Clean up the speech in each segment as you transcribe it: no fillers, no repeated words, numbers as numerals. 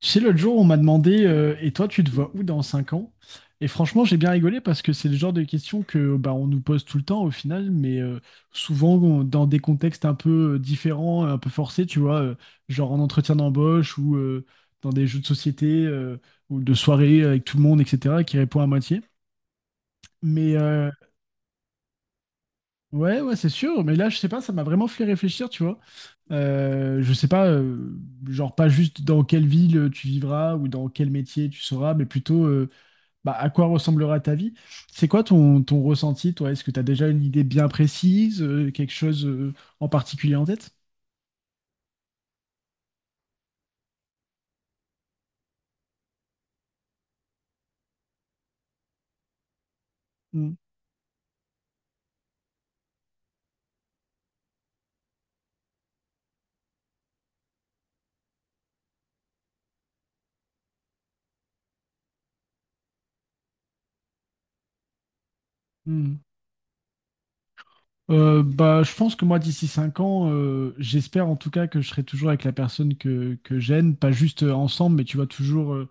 Tu sais, l'autre jour, on m'a demandé Et toi, tu te vois où dans 5 ans? Et franchement, j'ai bien rigolé parce que c'est le genre de questions que bah, on nous pose tout le temps au final, mais souvent dans des contextes un peu différents, un peu forcés, tu vois, genre en entretien d'embauche ou dans des jeux de société ou de soirée avec tout le monde, etc., qui répond à moitié. Mais ouais, ouais, c'est sûr, mais là, je sais pas, ça m'a vraiment fait réfléchir, tu vois. Je sais pas, genre pas juste dans quelle ville tu vivras ou dans quel métier tu seras, mais plutôt bah, à quoi ressemblera ta vie. C'est quoi ton ressenti, toi? Est-ce que tu as déjà une idée bien précise, quelque chose en particulier en tête? Mm, mm. Bah, je pense que moi, d'ici 5 ans, j'espère en tout cas que je serai toujours avec la personne que j'aime, pas juste ensemble, mais tu vois, toujours euh,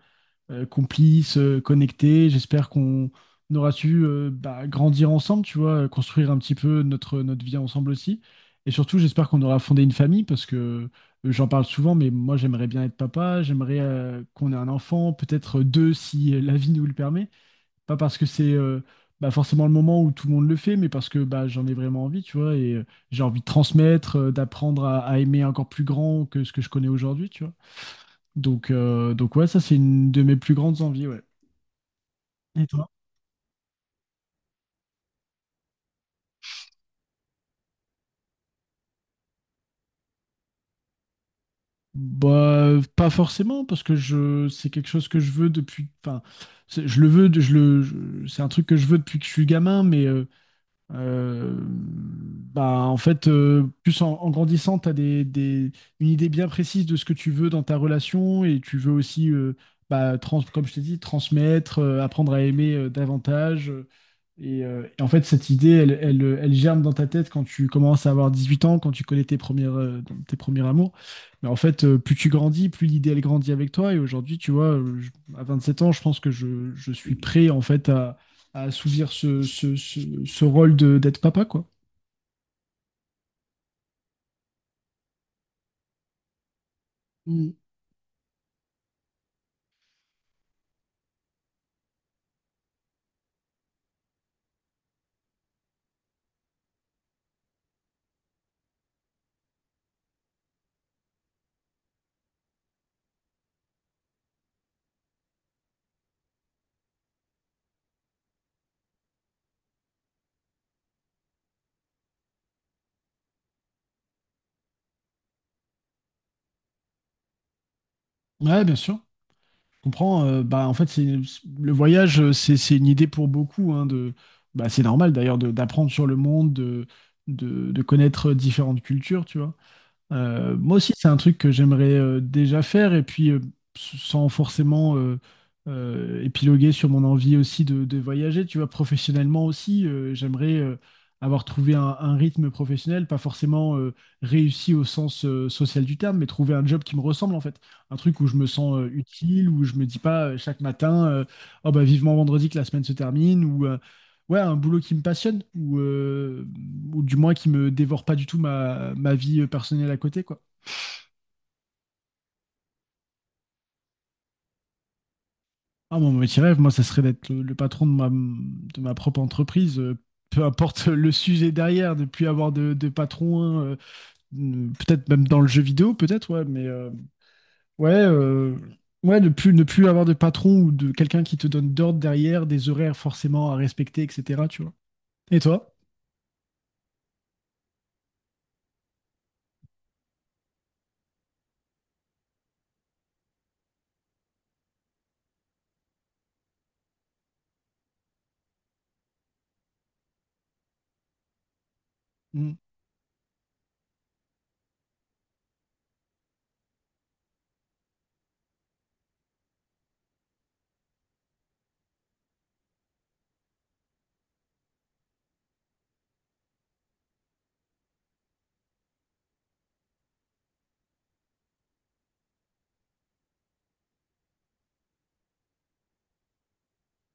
euh, complices, connectés. J'espère qu'on aura su bah, grandir ensemble, tu vois, construire un petit peu notre vie ensemble aussi. Et surtout, j'espère qu'on aura fondé une famille parce que j'en parle souvent, mais moi, j'aimerais bien être papa, j'aimerais qu'on ait un enfant, peut-être deux si la vie nous le permet. Pas parce que c'est bah, forcément le moment où tout le monde le fait, mais parce que bah, j'en ai vraiment envie, tu vois, et j'ai envie de transmettre, d'apprendre à aimer encore plus grand que ce que je connais aujourd'hui, tu vois. Donc ouais, ça, c'est une de mes plus grandes envies, ouais. Et toi? Bah, pas forcément, parce que c'est quelque chose que je veux depuis. Enfin, je le veux, c'est un truc que je veux depuis que je suis gamin, mais bah, en fait, plus en grandissant, tu as une idée bien précise de ce que tu veux dans ta relation et tu veux aussi, bah, comme je t'ai dit, transmettre, apprendre à aimer davantage. Et en fait, cette idée, elle germe dans ta tête quand tu commences à avoir 18 ans, quand tu connais tes premières, tes premiers amours. Mais en fait, plus tu grandis, plus l'idée, elle grandit avec toi. Et aujourd'hui, tu vois, à 27 ans, je pense que je suis prêt, en fait, à assouvir ce rôle d'être papa, quoi. Mm. Ouais, bien sûr. Je comprends. Bah, en fait, le voyage, c'est une idée pour beaucoup, hein, bah, c'est normal d'ailleurs d'apprendre sur le monde, de connaître différentes cultures, tu vois. Moi aussi, c'est un truc que j'aimerais déjà faire, et puis sans forcément épiloguer sur mon envie aussi de voyager, tu vois, professionnellement aussi, j'aimerais avoir trouvé un rythme professionnel, pas forcément réussi au sens social du terme, mais trouver un job qui me ressemble en fait, un truc où je me sens utile, où je me dis pas chaque matin, oh bah vivement vendredi que la semaine se termine, ouais, un boulot qui me passionne ou du moins qui me dévore pas du tout ma vie personnelle à côté, quoi. Ah, mon métier rêve, moi, ça serait d'être le patron de ma propre entreprise, peu importe le sujet derrière, de plus avoir de patron, peut-être même dans le jeu vidéo, peut-être, ouais, mais ouais, ouais, ne plus avoir de patron ou de quelqu'un qui te donne d'ordre derrière, des horaires forcément à respecter, etc., tu vois. Et toi? Mm.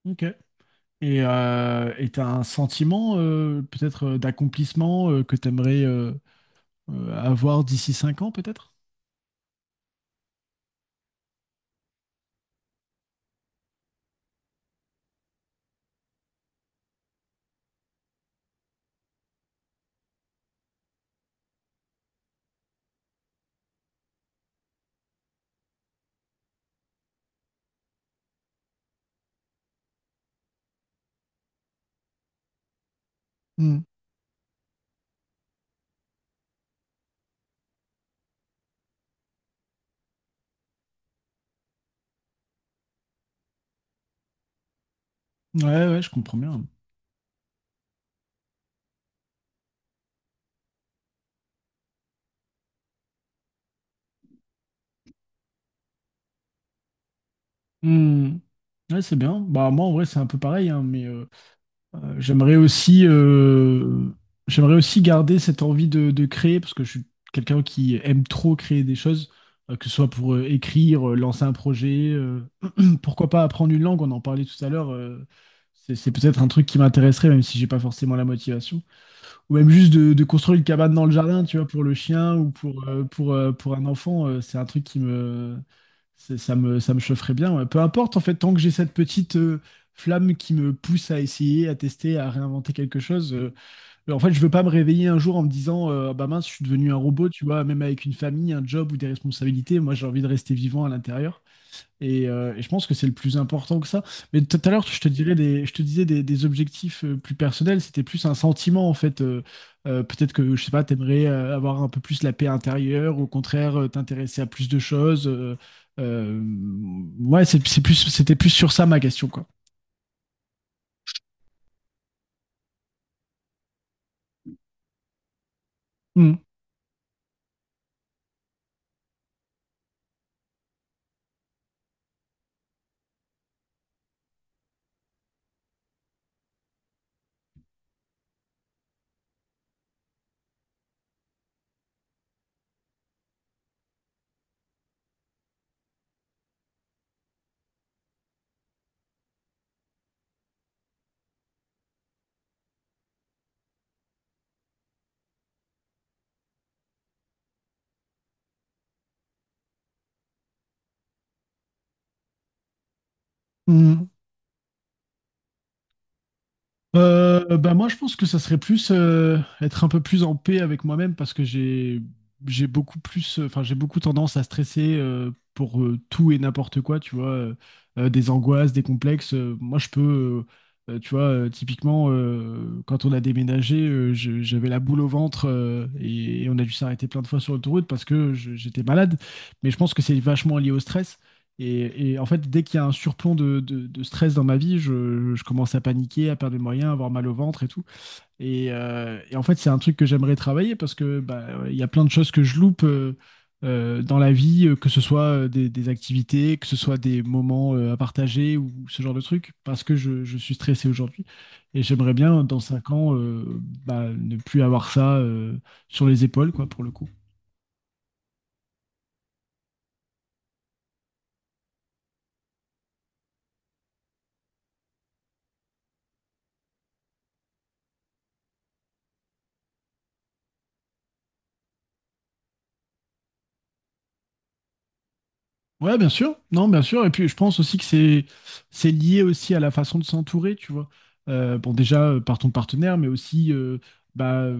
Ok. Et t'as un sentiment peut-être d'accomplissement que t'aimerais avoir d'ici 5 ans peut-être? Mm. Ouais, ouais, je comprends bien. Mm. Ouais, c'est bien. Bah moi en vrai c'est un peu pareil, hein, mais Euh, J'aimerais aussi, euh, j'aimerais aussi garder cette envie de créer, parce que je suis quelqu'un qui aime trop créer des choses, que ce soit pour écrire, lancer un projet, pourquoi pas apprendre une langue, on en parlait tout à l'heure, c'est peut-être un truc qui m'intéresserait, même si j'ai pas forcément la motivation ou même juste de construire une cabane dans le jardin, tu vois, pour le chien ou pour un enfant, c'est un truc qui me, ça me chaufferait bien. Ouais. Peu importe, en fait, tant que j'ai cette petite flamme qui me pousse à essayer, à tester, à réinventer quelque chose, en fait, je veux pas me réveiller un jour en me disant, ah bah mince, je suis devenu un robot, tu vois, même avec une famille, un job ou des responsabilités, moi, j'ai envie de rester vivant à l'intérieur. Et je pense que c'est le plus important que ça. Mais tout à l'heure, je te disais des objectifs plus personnels. C'était plus un sentiment, en fait. Peut-être que, je sais pas, t'aimerais avoir un peu plus la paix intérieure, ou au contraire, t'intéresser à plus de choses. Euh, ouais, c'était plus sur ça ma question, quoi. Mm. Mm. Bah moi, je pense que ça serait plus être un peu plus en paix avec moi-même parce que enfin j'ai beaucoup tendance à stresser pour tout et n'importe quoi, tu vois, des angoisses, des complexes. Moi, tu vois, typiquement quand on a déménagé, j'avais la boule au ventre et on a dû s'arrêter plein de fois sur l'autoroute parce que j'étais malade. Mais je pense que c'est vachement lié au stress. Et en fait, dès qu'il y a un surplomb de stress dans ma vie, je commence à paniquer, à perdre mes moyens, à avoir mal au ventre et tout. Et en fait, c'est un truc que j'aimerais travailler parce que bah, il y a plein de choses que je loupe dans la vie, que ce soit des activités, que ce soit des moments à partager ou ce genre de trucs, parce que je suis stressé aujourd'hui. Et j'aimerais bien, dans 5 ans, bah, ne plus avoir ça sur les épaules, quoi, pour le coup. Ouais, bien sûr. Non, bien sûr. Et puis, je pense aussi que c'est lié aussi à la façon de s'entourer, tu vois. Bon, déjà par ton partenaire, mais aussi bah,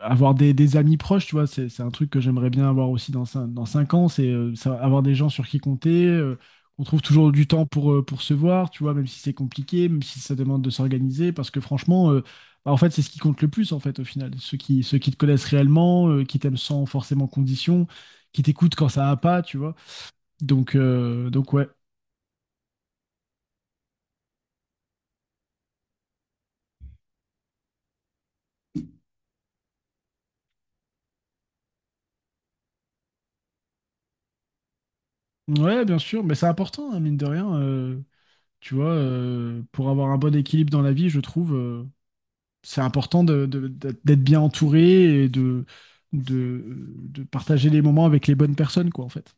avoir des amis proches, tu vois. C'est un truc que j'aimerais bien avoir aussi dans dans 5 ans, c'est avoir des gens sur qui compter. On trouve toujours du temps pour se voir, tu vois, même si c'est compliqué, même si ça demande de s'organiser, parce que franchement. Bah, en fait, c'est ce qui compte le plus, en fait, au final. Ceux qui te connaissent réellement, qui t'aiment sans forcément condition, qui t'écoutent quand ça va pas, tu vois. Donc ouais. Ouais, bien sûr, mais c'est important, hein, mine de rien. Tu vois, pour avoir un bon équilibre dans la vie, je trouve, c'est important d'être bien entouré et de, de partager les moments avec les bonnes personnes, quoi, en fait.